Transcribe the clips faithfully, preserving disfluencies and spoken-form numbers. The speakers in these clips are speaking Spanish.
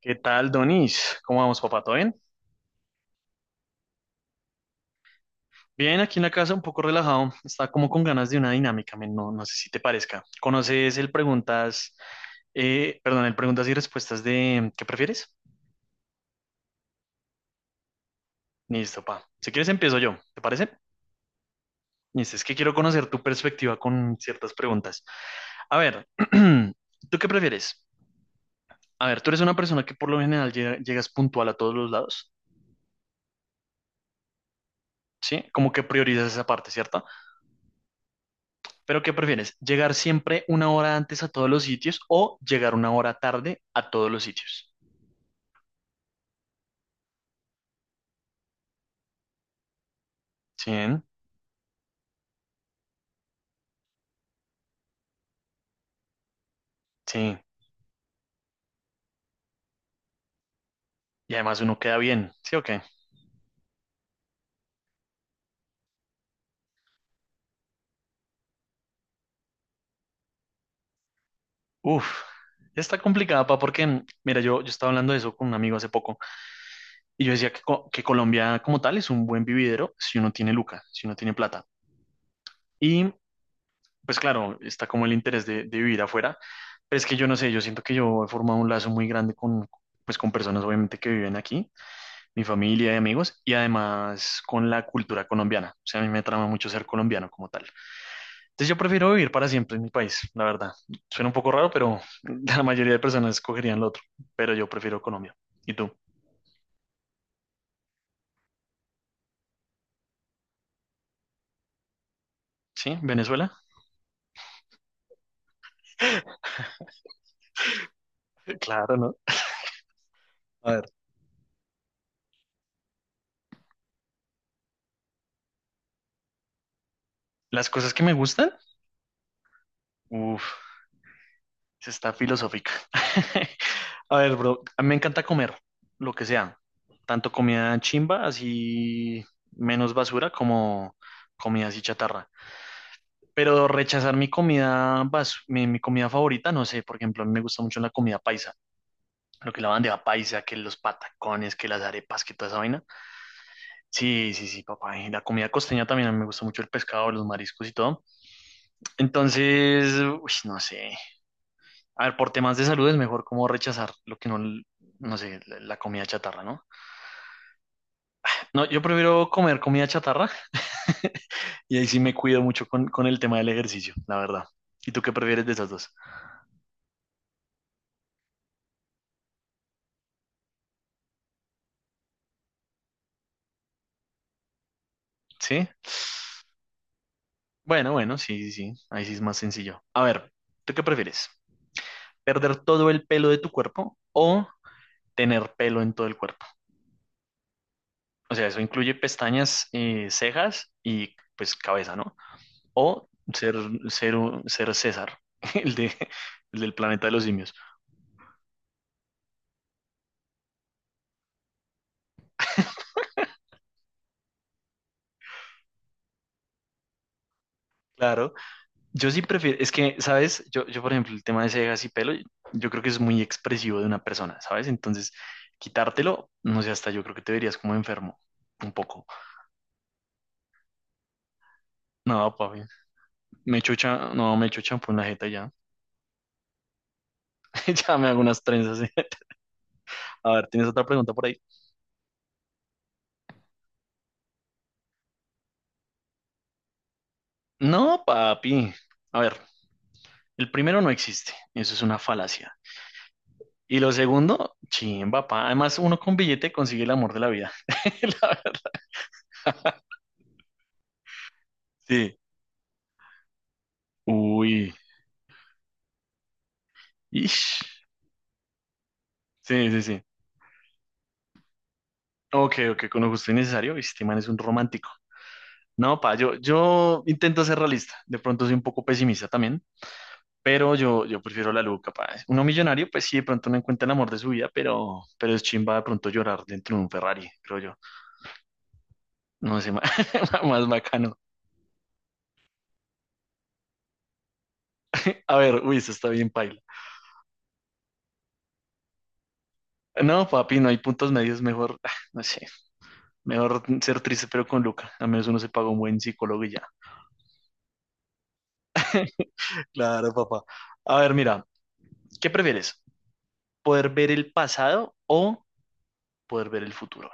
¿Qué tal, Donis? ¿Cómo vamos, papá? ¿Todo bien? Bien, aquí en la casa un poco relajado. Está como con ganas de una dinámica, men. No, no sé si te parezca. ¿Conoces el preguntas, eh, perdón, el preguntas y respuestas de ¿qué prefieres? Listo, pa. Si quieres empiezo yo, ¿te parece? Listo, es que quiero conocer tu perspectiva con ciertas preguntas. A ver, ¿tú qué prefieres? A ver, tú eres una persona que por lo general llega- llegas puntual a todos los lados, ¿sí? Como que priorizas esa parte, ¿cierto? Pero ¿qué prefieres? ¿Llegar siempre una hora antes a todos los sitios o llegar una hora tarde a todos los sitios? Sí, sí. Y además uno queda bien, ¿sí o qué? Uf, está complicada, pa, porque, mm, mira, yo, yo estaba hablando de eso con un amigo hace poco y yo decía que, co- que Colombia como tal es un buen vividero si uno tiene luca, si uno tiene plata. Y pues claro, está como el interés de, de vivir afuera, pero es que yo no sé, yo siento que yo he formado un lazo muy grande con, pues, con personas obviamente que viven aquí, mi familia y amigos, y además con la cultura colombiana. O sea, a mí me trama mucho ser colombiano como tal. Entonces yo prefiero vivir para siempre en mi país, la verdad. Suena un poco raro, pero la mayoría de personas escogerían lo otro, pero yo prefiero Colombia. ¿Y tú? ¿Sí? ¿Venezuela? Claro, ¿no? A ver, las cosas que me gustan, uff, está filosófica. A ver, bro, a mí me encanta comer lo que sea, tanto comida chimba, así menos basura, como comida así chatarra. Pero rechazar mi comida, bas- mi, mi comida favorita, no sé, por ejemplo, a mí me gusta mucho la comida paisa, lo que es la bandeja paisa, que los patacones, que las arepas, que toda esa vaina. Sí, sí, sí, papá. Y la comida costeña también, a mí me gusta mucho el pescado, los mariscos y todo. Entonces, uy, no sé. A ver, por temas de salud es mejor como rechazar lo que no, no sé, la, la comida chatarra, ¿no? No, yo prefiero comer comida chatarra y ahí sí me cuido mucho con, con el tema del ejercicio, la verdad. ¿Y tú qué prefieres de esas dos? ¿Sí? Bueno, bueno, sí, sí, sí. Ahí sí es más sencillo. A ver, ¿tú qué prefieres? ¿Perder todo el pelo de tu cuerpo o tener pelo en todo el cuerpo? O sea, eso incluye pestañas, eh, cejas y pues cabeza, ¿no? O ser, ser, un- ser César, el de, el del planeta de los simios. Claro, yo sí prefiero, es que, ¿sabes? Yo, yo, por ejemplo, el tema de cejas y pelo, yo creo que es muy expresivo de una persona, ¿sabes? Entonces, quitártelo, no sé, hasta yo creo que te verías como enfermo, un poco. No, papi. Me echo cha- no, me echo champú en la jeta ya. Ya me hago unas trenzas. A ver, ¿tienes otra pregunta por ahí? No, papi. A ver, el primero no existe. Eso es una falacia. Y lo segundo, chimba, pa. Además, uno con billete consigue el amor de la vida. La verdad. Sí. Uy. Ish. Sí, sí, sí. Ok, ok, con lo justo y necesario. Este man es un romántico. No, pa, yo, yo intento ser realista. De pronto soy un poco pesimista también. Pero yo, yo prefiero la Luca, capaz. Uno millonario, pues sí, de pronto no encuentra el amor de su vida, pero, pero es chimba de pronto llorar dentro de un Ferrari, creo yo. No sé, más, más bacano. A ver, uy, eso está bien paila. No, papi, no hay puntos medios, mejor, ah, no sé, mejor ser triste pero con Luca. A menos uno se paga un buen psicólogo y ya. Claro, papá. A ver, mira, ¿qué prefieres? ¿Poder ver el pasado o poder ver el futuro?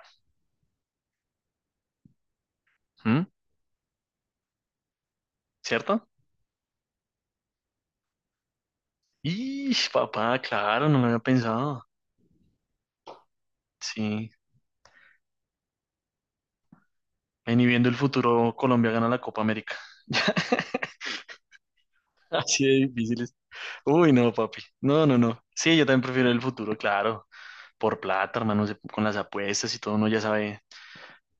¿Mm? ¿Cierto? Y papá, claro, no lo había pensado. Sí. En y viendo el futuro, Colombia gana la Copa América. Así de difíciles. Uy, no, papi. No, no, no. Sí, yo también prefiero el futuro, claro. Por plata, hermano, se- con las apuestas y todo, uno ya sabe,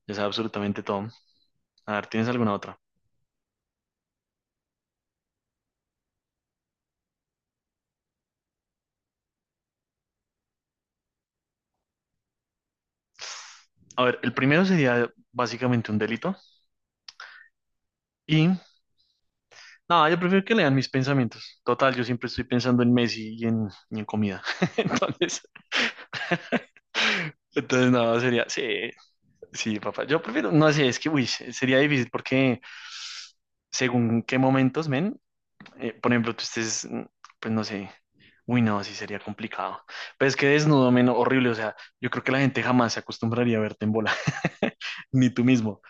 ya sabe absolutamente todo. A ver, ¿tienes alguna otra? A ver, el primero sería básicamente un delito. Y, no, yo prefiero que lean mis pensamientos. Total, yo siempre estoy pensando en Messi y en, y en comida. Entonces, entonces, no, sería, sí. Sí, papá. Yo prefiero, no sé, es que, uy, se- sería difícil porque según qué momentos, men, eh, por ejemplo, tú estés, mm, pues no sé, uy, no, sí sería complicado. Pero es que desnudo, men, horrible, o sea, yo creo que la gente jamás se acostumbraría a verte en bola, ni tú mismo.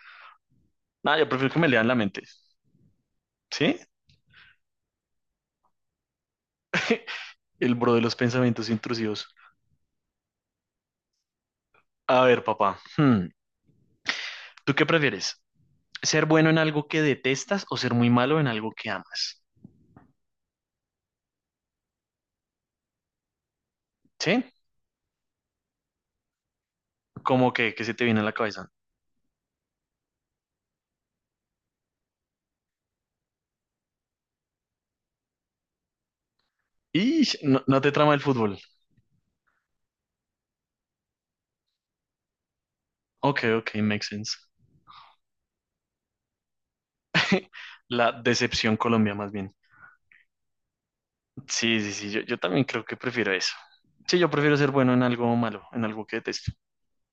No, yo prefiero que me lean la mente, ¿sí? El bro de los pensamientos intrusivos. A ver, papá, hmm, ¿tú qué prefieres? ¿Ser bueno en algo que detestas o ser muy malo en algo que amas? ¿Sí? ¿Cómo que, qué se te viene a la cabeza? Y no, no te trama el fútbol. Ok, ok, makes sense. La decepción Colombia, más bien. Sí, sí, sí, yo, yo también creo que prefiero eso. Sí, yo prefiero ser bueno en algo malo, en algo que detesto.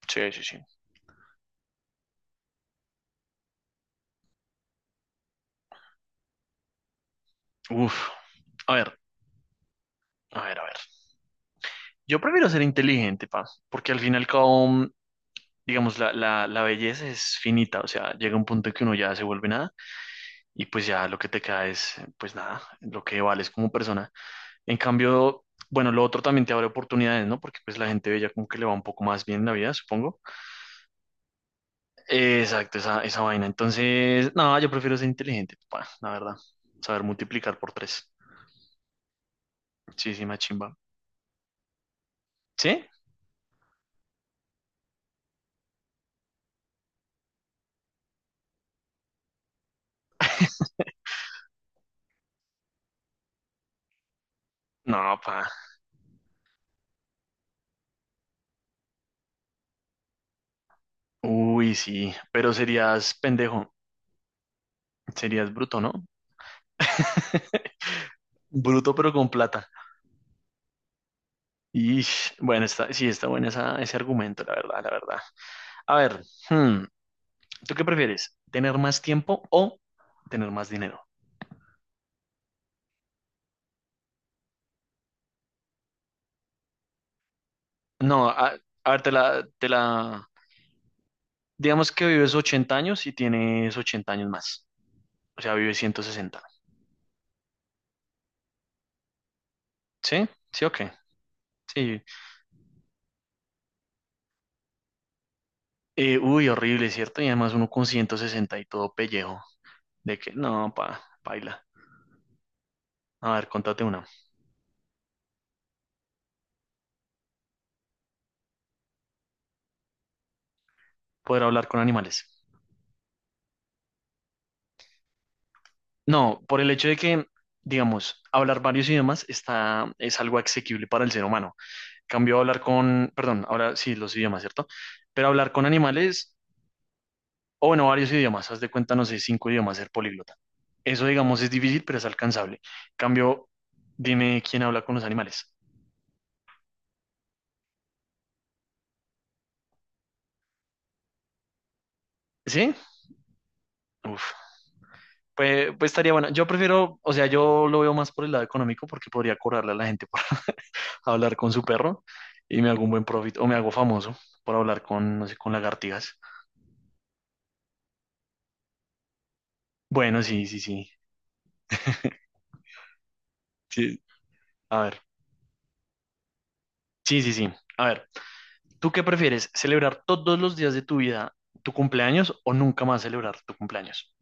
Sí, sí, sí. Uf. A ver, a ver, a ver. Yo prefiero ser inteligente, pa, porque al fin y al cabo, mm, digamos, la, la, la belleza es finita, o sea, llega un punto en que uno ya se vuelve nada y pues ya lo que te queda es, pues nada, lo que vales como persona. En cambio, bueno, lo otro también te abre oportunidades, ¿no? Porque pues la gente bella como que le va un poco más bien en la vida, supongo. Exacto, esa, esa vaina. Entonces, no, yo prefiero ser inteligente, pa, la verdad. Saber multiplicar por tres. Sí, sí, machimba. ¿Sí? No, pa. Uy, sí. Pero serías pendejo. Serías bruto, ¿no? Bruto pero con plata. Y bueno, está, sí, está bueno esa- ese argumento, la verdad, la verdad. A ver, hmm, ¿tú qué prefieres? ¿Tener más tiempo o tener más dinero? No, a, a ver, te la, te la... Digamos que vives ochenta años y tienes ochenta años más. O sea, vives ciento sesenta. ¿Sí? ¿Sí o qué? Sí. Eh, uy, horrible, ¿cierto? Y además uno con ciento sesenta y todo pellejo. De que, no, pa, baila. A ver, contate una. Poder hablar con animales. No, por el hecho de que, digamos, hablar varios idiomas está, es algo asequible para el ser humano. Cambio a hablar con, perdón, ahora sí, los idiomas, ¿cierto? Pero hablar con animales, o bueno, varios idiomas, haz de cuenta, no sé, cinco idiomas, ser políglota. Eso, digamos, es difícil, pero es alcanzable. Cambio, dime quién habla con los animales. ¿Sí? Uf. Pues, pues estaría bueno. Yo prefiero, o sea, yo lo veo más por el lado económico porque podría cobrarle a la gente por hablar con su perro y me hago un buen profit, o me hago famoso por hablar con, no sé, con lagartijas. Bueno, sí, sí, sí. Sí. A ver. Sí, sí, sí. A ver. ¿Tú qué prefieres? ¿Celebrar todos los días de tu vida tu cumpleaños o nunca más celebrar tu cumpleaños?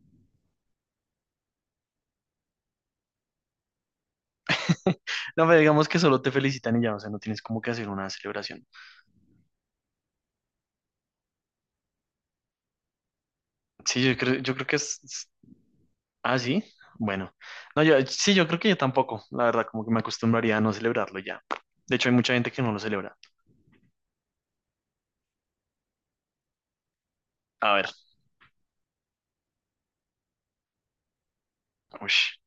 No, pero digamos que solo te felicitan y ya, o sea, no tienes como que hacer una celebración. Sí, yo creo, yo creo que es... es- Ah, sí. Bueno. No, yo, sí, yo creo que yo tampoco. La verdad, como que me acostumbraría a no celebrarlo ya. De hecho, hay mucha gente que no lo celebra. A ver. Ush.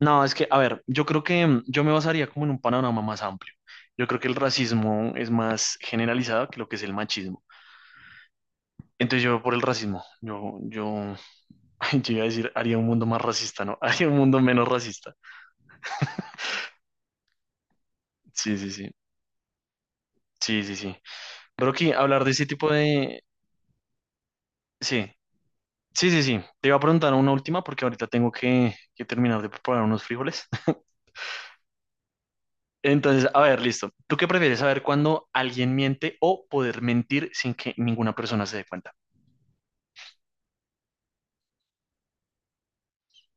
No, es que, a ver, yo creo que mm, yo me basaría como en un panorama más amplio. Yo creo que el racismo es más generalizado que lo que es el machismo. Entonces yo por el racismo, yo, yo Ay, yo iba a decir, haría un mundo más racista, ¿no? Haría un mundo menos racista. Sí, sí, sí. Sí, sí, sí. Brocky, hablar de ese tipo de... Sí, sí, sí, sí. Te iba a preguntar una última porque ahorita tengo que, que terminar de preparar unos frijoles. Entonces, a ver, listo. ¿Tú qué prefieres saber cuando alguien miente o poder mentir sin que ninguna persona se dé cuenta?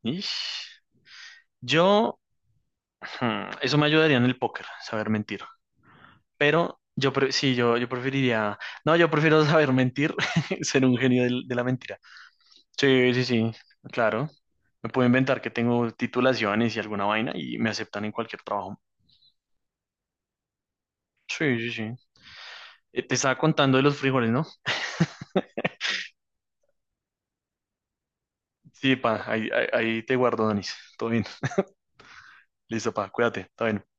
Ish. Yo, hmm, eso me ayudaría en el póker, saber mentir. Pero yo, pre- sí, yo, yo preferiría... No, yo prefiero saber mentir, ser un genio del- de la mentira. Sí, sí, sí, claro. Me puedo inventar que tengo titulaciones y alguna vaina y me aceptan en cualquier trabajo. Sí, sí, sí. Eh, te estaba contando de los frijoles, ¿no? Sí, pa, ahí, ahí, ahí te guardo, Donis. Todo bien. Listo, pa, cuídate. Todo bien.